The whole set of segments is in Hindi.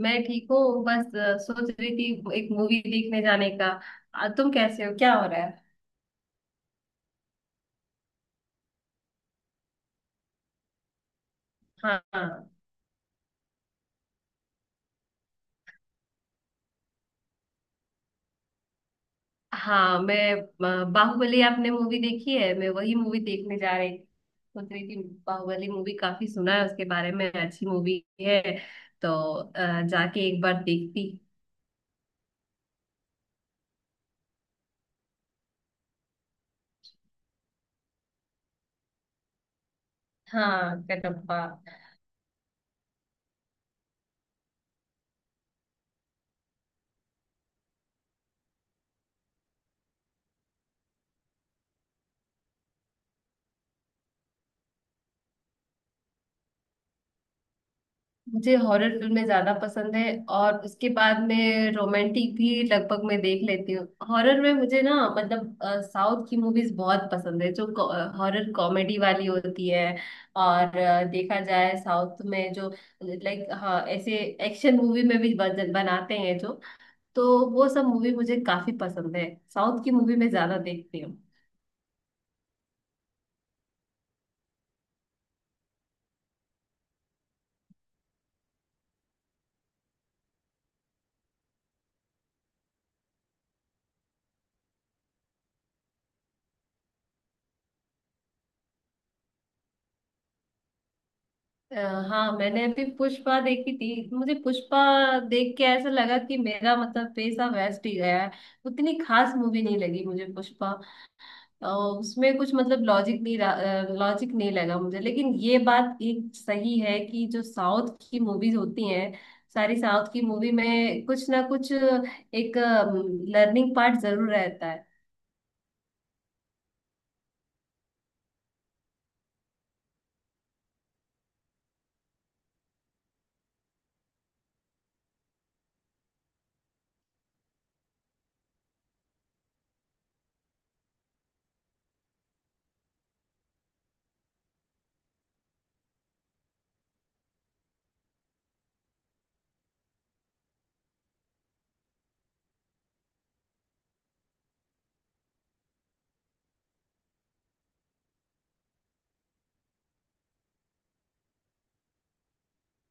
मैं ठीक हूँ। बस सोच रही थी एक मूवी देखने जाने का। तुम कैसे हो, क्या हो रहा है? हाँ हाँ हाँ, बाहुबली आपने मूवी देखी है? मैं वही मूवी देखने जा रही थी। सोच रही थी बाहुबली मूवी, काफी सुना है उसके बारे में, अच्छी मूवी है तो जाके एक बार देखती। हाँ, कटप्पा। मुझे हॉरर फिल्में ज्यादा पसंद है। और उसके बाद में रोमांटिक भी लगभग मैं देख लेती हूँ। हॉरर में मुझे, ना, मतलब साउथ की मूवीज बहुत पसंद है जो हॉरर कॉमेडी वाली होती है। और देखा जाए साउथ में जो, लाइक, हाँ ऐसे एक्शन मूवी में भी बनाते हैं जो। तो वो सब मूवी मुझे काफी पसंद है, साउथ की मूवी में ज्यादा देखती हूँ। अ, हाँ, मैंने अभी पुष्पा देखी थी। मुझे पुष्पा देख के ऐसा लगा कि मेरा मतलब पैसा वेस्ट ही गया है। उतनी खास मूवी नहीं लगी मुझे पुष्पा। उसमें कुछ मतलब लॉजिक नहीं, लॉजिक नहीं लगा मुझे, लेकिन ये बात एक सही है कि जो साउथ की मूवीज होती हैं, सारी साउथ की मूवी में कुछ ना कुछ एक लर्निंग पार्ट जरूर रहता है।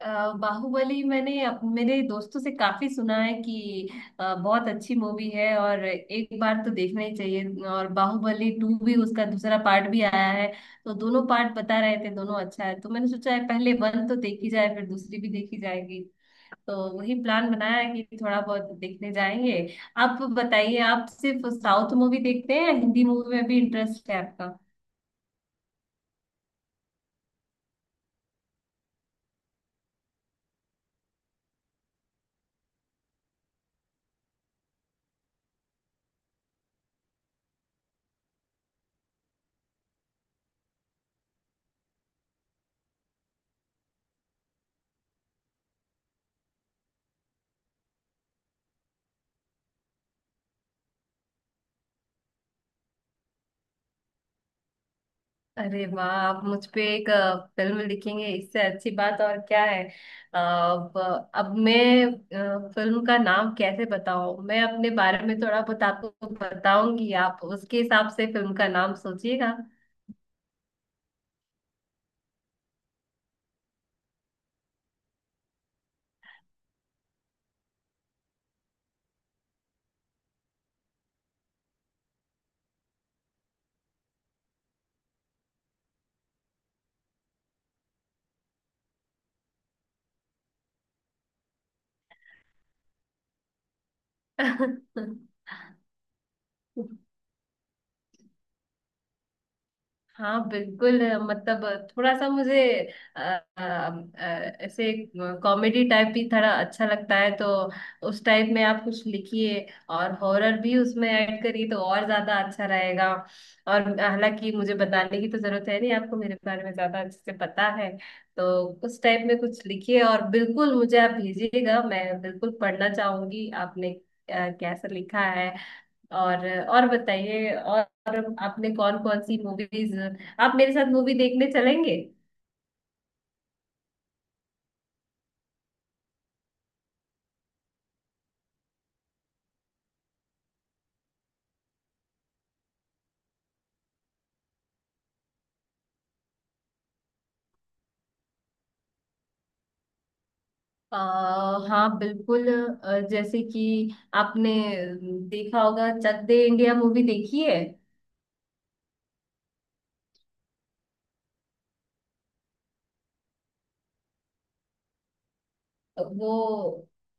बाहुबली, मैंने मेरे दोस्तों से काफी सुना है कि बहुत अच्छी मूवी है और एक बार तो देखना ही चाहिए, और बाहुबली 2 भी, उसका दूसरा पार्ट भी आया है। तो दोनों पार्ट बता रहे थे दोनों अच्छा है, तो मैंने सोचा है पहले वन तो देखी जाए फिर दूसरी भी देखी जाएगी। तो वही प्लान बनाया है कि थोड़ा बहुत देखने जाएंगे। आप बताइए, आप सिर्फ साउथ मूवी देखते हैं या हिंदी मूवी में भी इंटरेस्ट है आपका? अरे वाह, आप मुझ पे एक फिल्म लिखेंगे, इससे अच्छी बात और क्या है? अब अब मैं फिल्म का नाम कैसे बताऊं? मैं अपने बारे में थोड़ा बहुत आपको बताऊंगी, आप उसके हिसाब से फिल्म का नाम सोचिएगा। हाँ बिल्कुल, मतलब थोड़ा सा मुझे अ, अ, ऐसे कॉमेडी टाइप भी थोड़ा अच्छा लगता है तो उस टाइप में आप कुछ लिखिए। और हॉरर भी उसमें ऐड करिए तो और ज्यादा अच्छा रहेगा। और हालांकि मुझे बताने की तो जरूरत है नहीं, आपको मेरे बारे में ज्यादा अच्छे से पता है। तो उस टाइप में कुछ लिखिए, और बिल्कुल मुझे आप भेजिएगा, मैं बिल्कुल पढ़ना चाहूंगी आपने कैसा लिखा है। और बताइए, और आपने कौन कौन सी मूवीज, आप मेरे साथ मूवी देखने चलेंगे? आ, हाँ बिल्कुल। जैसे कि आपने देखा होगा, चक दे इंडिया मूवी देखी है? वो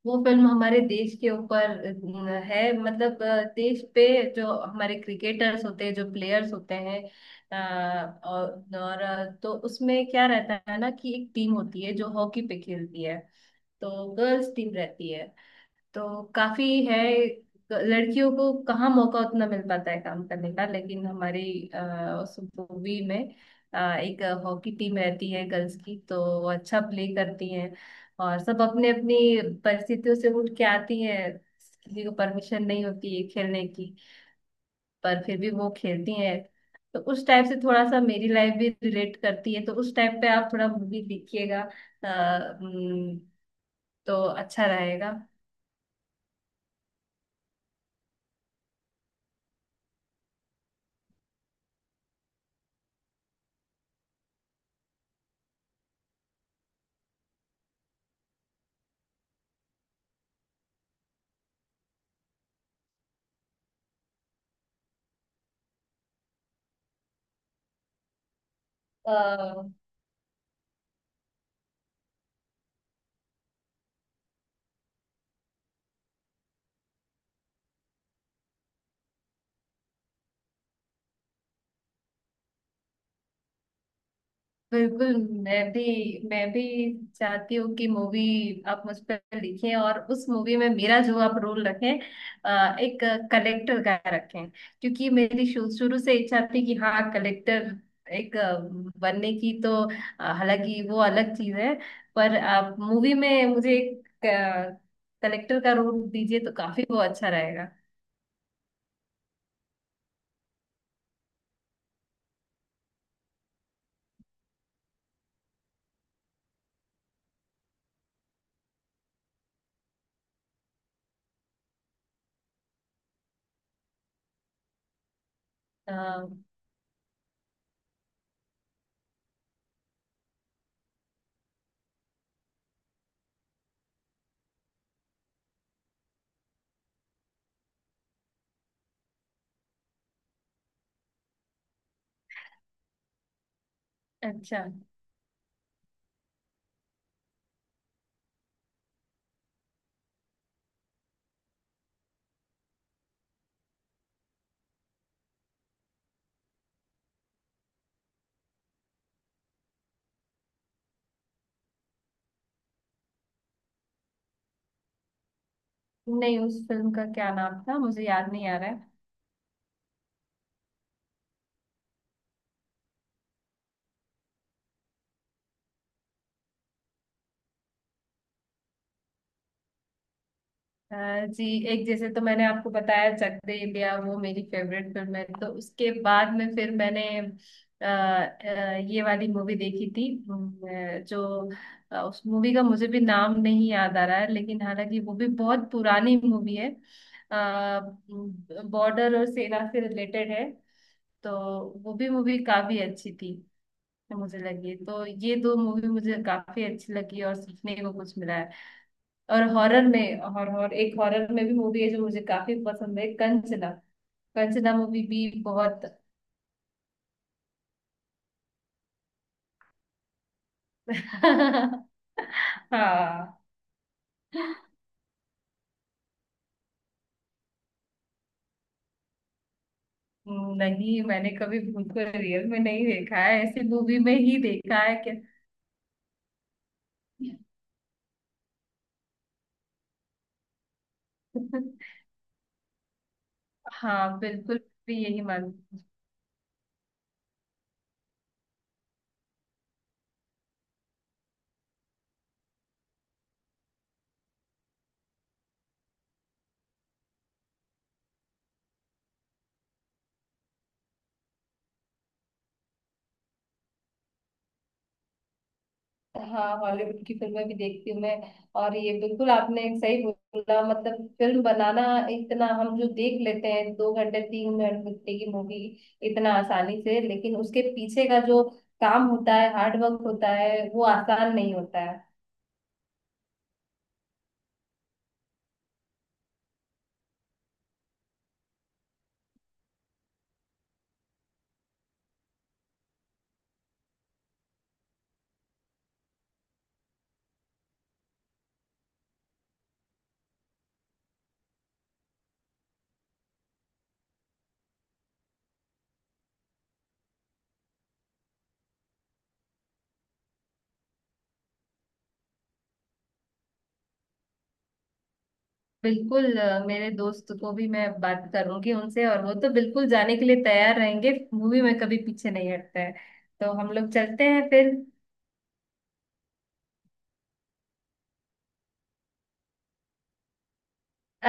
वो फिल्म हमारे देश के ऊपर है, मतलब देश पे जो हमारे क्रिकेटर्स होते हैं, जो प्लेयर्स होते हैं, अ, और, और तो उसमें क्या रहता है ना कि एक टीम होती है जो हॉकी पे खेलती है, तो गर्ल्स टीम रहती है। तो काफी है, लड़कियों को कहाँ मौका उतना मिल पाता है काम करने का, लेकिन हमारी उस मूवी में एक हॉकी टीम रहती है गर्ल्स की, तो वो अच्छा प्ले करती हैं। और सब अपने अपनी परिस्थितियों से उठ के आती हैं, किसी को परमिशन नहीं होती है खेलने की, पर फिर भी वो खेलती हैं। तो उस टाइप से थोड़ा सा मेरी लाइफ भी रिलेट करती है, तो उस टाइप पे आप थोड़ा मूवी देखिएगा। अ, उम, तो अच्छा रहेगा। अ, बिल्कुल। मैं भी मैं भी चाहती हूँ कि मूवी आप मुझ पर लिखें, और उस मूवी में मेरा जो आप रोल रखें, एक कलेक्टर का रखें, क्योंकि मेरी शुरू से इच्छा थी कि हाँ, कलेक्टर एक बनने की। तो हालांकि वो अलग चीज है, पर आप मूवी में मुझे एक कलेक्टर का रोल दीजिए तो काफी वो अच्छा रहेगा। अ, अच्छा। नहीं, उस फिल्म का क्या नाम था, मुझे याद नहीं आ रहा है। हाँ जी। एक जैसे तो मैंने आपको बताया, चक दे इंडिया, वो मेरी फेवरेट फिल्म है। तो उसके बाद में फिर मैंने ये वाली मूवी देखी थी, जो उस मूवी का मुझे भी नाम नहीं याद आ रहा है, लेकिन हालांकि वो भी बहुत पुरानी मूवी है। बॉर्डर और सेना से रिलेटेड है, तो वो भी मूवी काफी अच्छी थी। तो मुझे लगी, तो ये दो मूवी मुझे काफी अच्छी लगी और सीखने को कुछ मिला है। और हॉरर में और एक हॉरर में भी मूवी है जो मुझे काफी पसंद है, कंचना। कंचना मूवी भी बहुत। हाँ। नहीं, मैंने कभी भूत को रियल में नहीं देखा है, ऐसी मूवी में ही देखा है क्या? हाँ बिल्कुल, भी यही मान। हाँ, हॉलीवुड की फिल्में भी देखती हूँ मैं। और ये बिल्कुल आपने एक सही बोला, मतलब फिल्म बनाना इतना, हम जो देख लेते हैं 2 घंटे 3 घंटे की मूवी इतना आसानी से, लेकिन उसके पीछे का जो काम होता है, हार्ड वर्क होता है, वो आसान नहीं होता है। बिल्कुल। मेरे दोस्त को भी मैं बात करूंगी उनसे, और वो तो बिल्कुल जाने के लिए तैयार रहेंगे, मूवी में कभी पीछे नहीं हटते हैं। तो हम लोग चलते हैं फिर।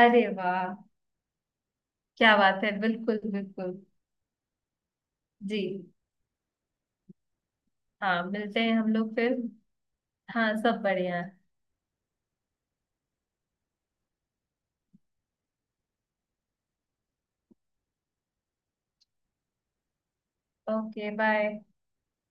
अरे वाह, क्या बात है, बिल्कुल बिल्कुल। जी हाँ, मिलते हैं हम लोग फिर। हाँ, सब बढ़िया है। Okay bye.